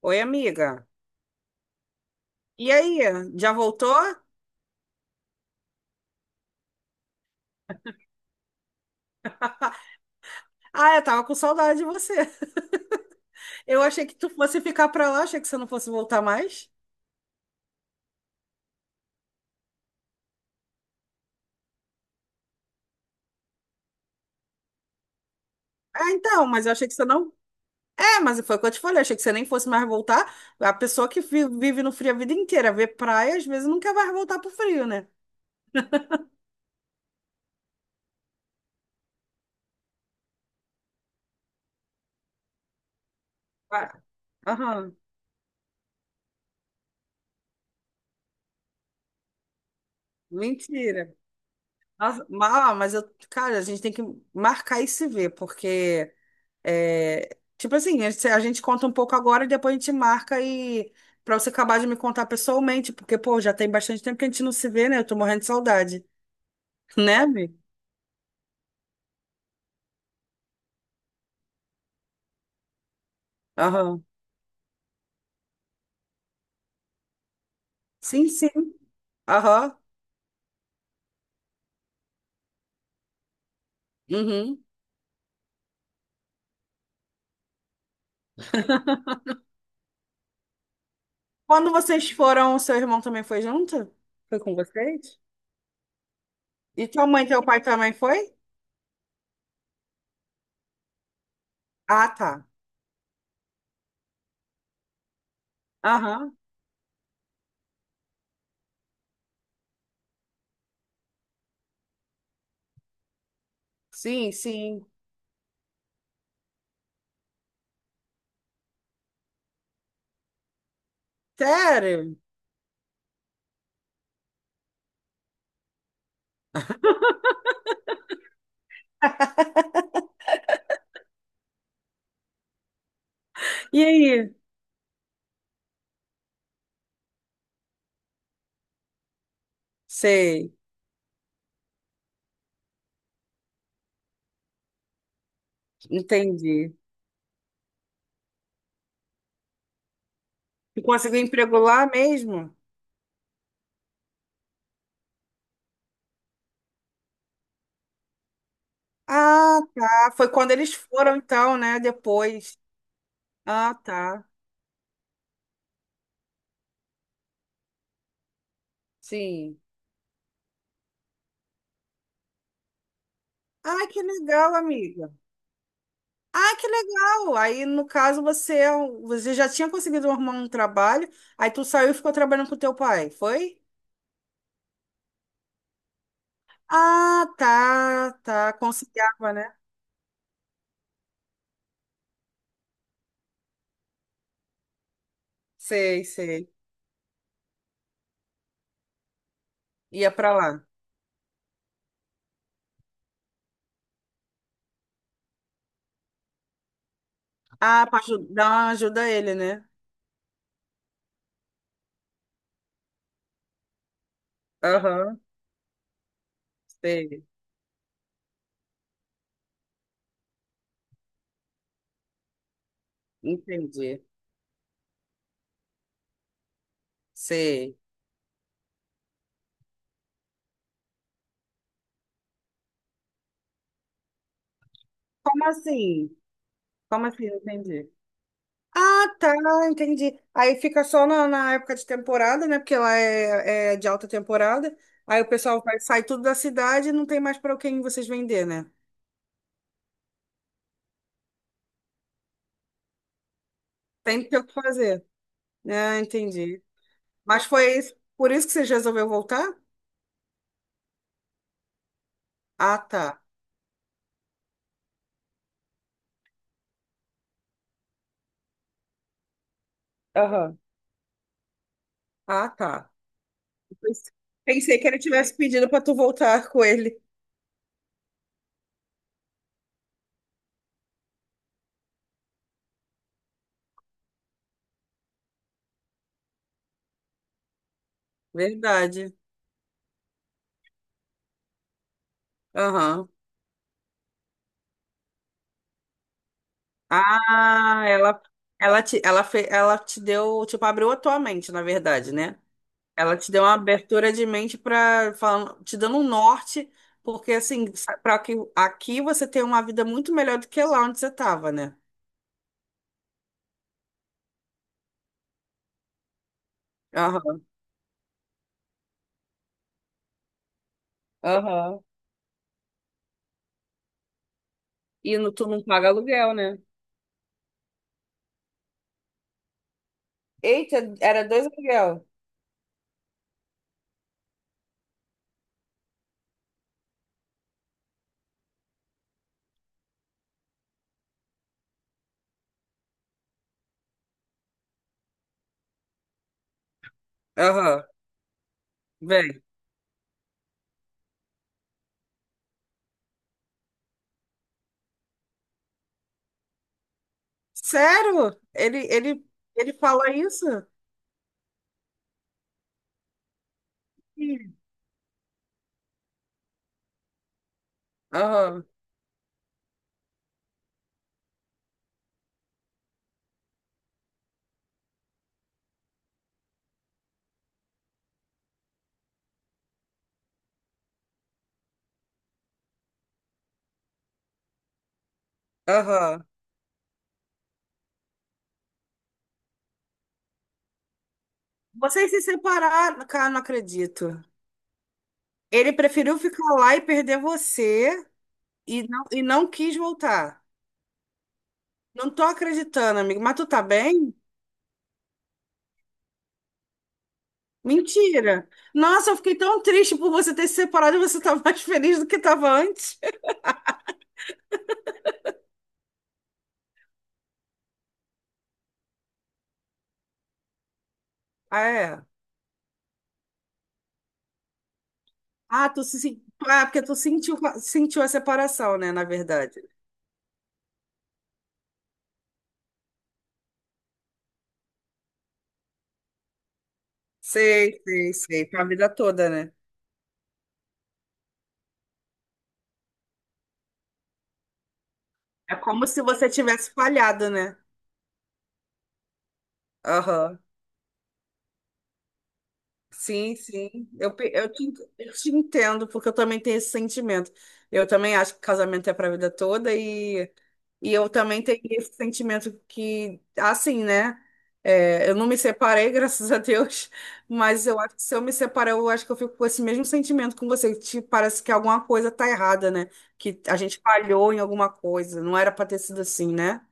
Oi, amiga. E aí, já voltou? Ah, eu tava com saudade de você. Eu achei que tu fosse ficar pra lá, achei que você não fosse voltar mais. Ah, então, mas eu achei que você não. É, mas foi o que eu te falei, achei que você nem fosse mais voltar. A pessoa que vive no frio a vida inteira, vê praia, às vezes nunca vai voltar pro frio, né? Ah, aham, mentira. Nossa, mas eu, cara, a gente tem que marcar e se ver, porque é, tipo assim, a gente conta um pouco agora e depois a gente marca e para você acabar de me contar pessoalmente, porque, pô, já tem bastante tempo que a gente não se vê, né? Eu tô morrendo de saudade. Né, Bi? Aham. Sim, sim. Aham. Uhum. Quando vocês foram, o seu irmão também foi junto? Foi com vocês? E tua mãe e teu pai também foi? Ah, tá. Aham. Sim, sim. Sério? E aí? Sei, entendi. E conseguiu emprego lá mesmo? Ah, tá. Foi quando eles foram, então, né? Depois. Ah, tá. Sim. Ah, que legal, amiga. Ah, que legal. Aí, no caso, você já tinha conseguido arrumar um trabalho, aí tu saiu e ficou trabalhando com teu pai, foi? Ah, tá, tá. Conciliava, né? Sei, sei. Ia pra lá. Ah, pra ajudar, dar uma ajuda a ele, né? Aham, sei. Entendi. Sei. Como assim? Como assim? Não entendi. Ah, tá, entendi. Aí fica só na época de temporada, né? Porque lá é de alta temporada. Aí o pessoal vai, sai tudo da cidade e não tem mais para quem vocês vender, né? Tem que ter o que fazer. Ah, entendi. Mas foi isso, por isso que você resolveu voltar? Ah, tá. Aham. Ah, tá. Eu pens- Pensei que ele tivesse pedido para tu voltar com ele. Verdade. Aham. Ah, ela te deu, tipo, abriu a tua mente, na verdade, né? Ela te deu uma abertura de mente para te dando um norte, porque assim, para que aqui você tem uma vida muito melhor do que lá onde você estava, né? Aham, aham. E no, tu não paga aluguel, né? Eita, era dois aluguel. Aham, vem. Sério? Ele fala isso? Sim. Aham, aham. Vocês se separaram, cara, não acredito. Ele preferiu ficar lá e perder você e não quis voltar. Não tô acreditando, amigo. Mas tu tá bem? Mentira. Nossa, eu fiquei tão triste por você ter se separado e você tá mais feliz do que tava antes. Ah, é? Ah, é porque tu sentiu a separação, né, na verdade. Sei, sei, sei. Pra vida toda, né? É como se você tivesse falhado, né? Aham. Sim, sim. Eu te entendo, porque eu também tenho esse sentimento. Eu também acho que casamento é pra vida toda. E eu também tenho esse sentimento que, assim, né? É, eu não me separei, graças a Deus, mas eu acho que se eu me separar, eu acho que eu fico com esse mesmo sentimento com você, que parece que alguma coisa tá errada, né? Que a gente falhou em alguma coisa, não era pra ter sido assim, né?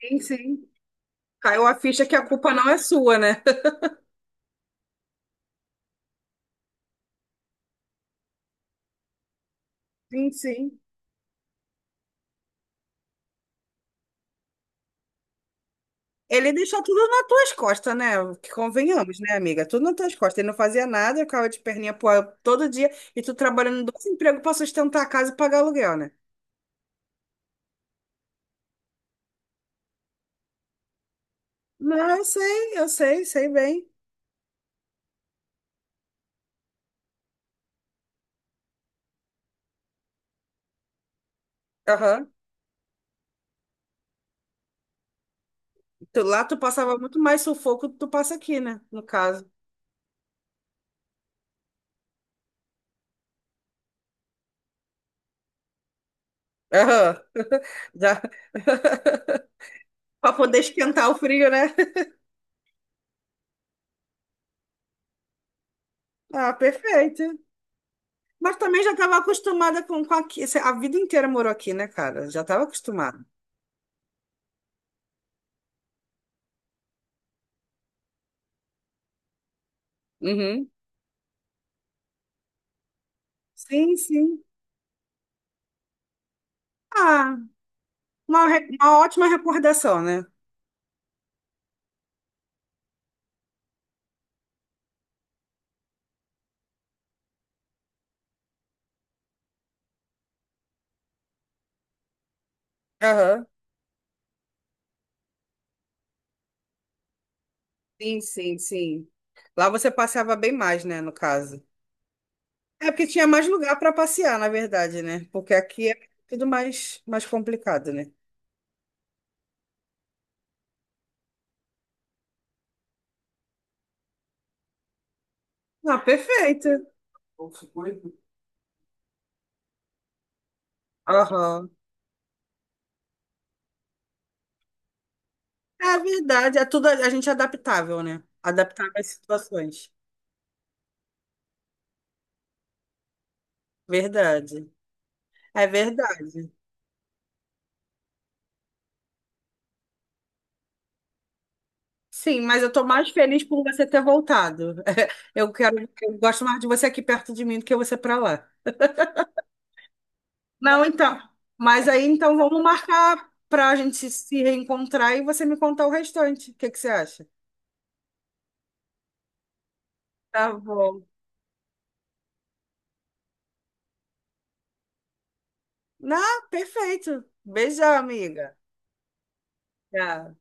Sim, sim. Caiu a ficha que a culpa não é sua, né? Sim, sim. Ele deixou tudo nas tuas costas, né? Que convenhamos, né, amiga? Tudo nas tuas costas. Ele não fazia nada, eu ficava de perninha pro ar todo dia, e tu trabalhando em dois empregos pra sustentar a casa e pagar aluguel, né? Não, eu sei, sei bem. Aham. Lá tu passava muito mais sufoco do que tu passa aqui, né? No caso. Aham. Já. Pra poder esquentar o frio, né? Ah, perfeito. Mas também já estava acostumada com aqui. A vida inteira morou aqui, né, cara? Já estava acostumada. Uhum. Sim, sim. Ah, uma ótima recordação, né? Aham. Sim, sim, sim. Lá você passeava bem mais, né, no caso. É porque tinha mais lugar para passear, na verdade, né? Porque aqui é tudo mais, mais complicado, né? Ah, perfeito. Aham. É verdade, é tudo a gente é adaptável, né? Adaptável às situações. Verdade. É verdade. Sim, mas eu tô mais feliz por você ter voltado. Eu quero, eu gosto mais de você aqui perto de mim do que você para lá. Não, então. Mas aí então vamos marcar para a gente se reencontrar e você me contar o restante. O que que você acha? Tá bom. Não, perfeito. Beijão, amiga. Tchau.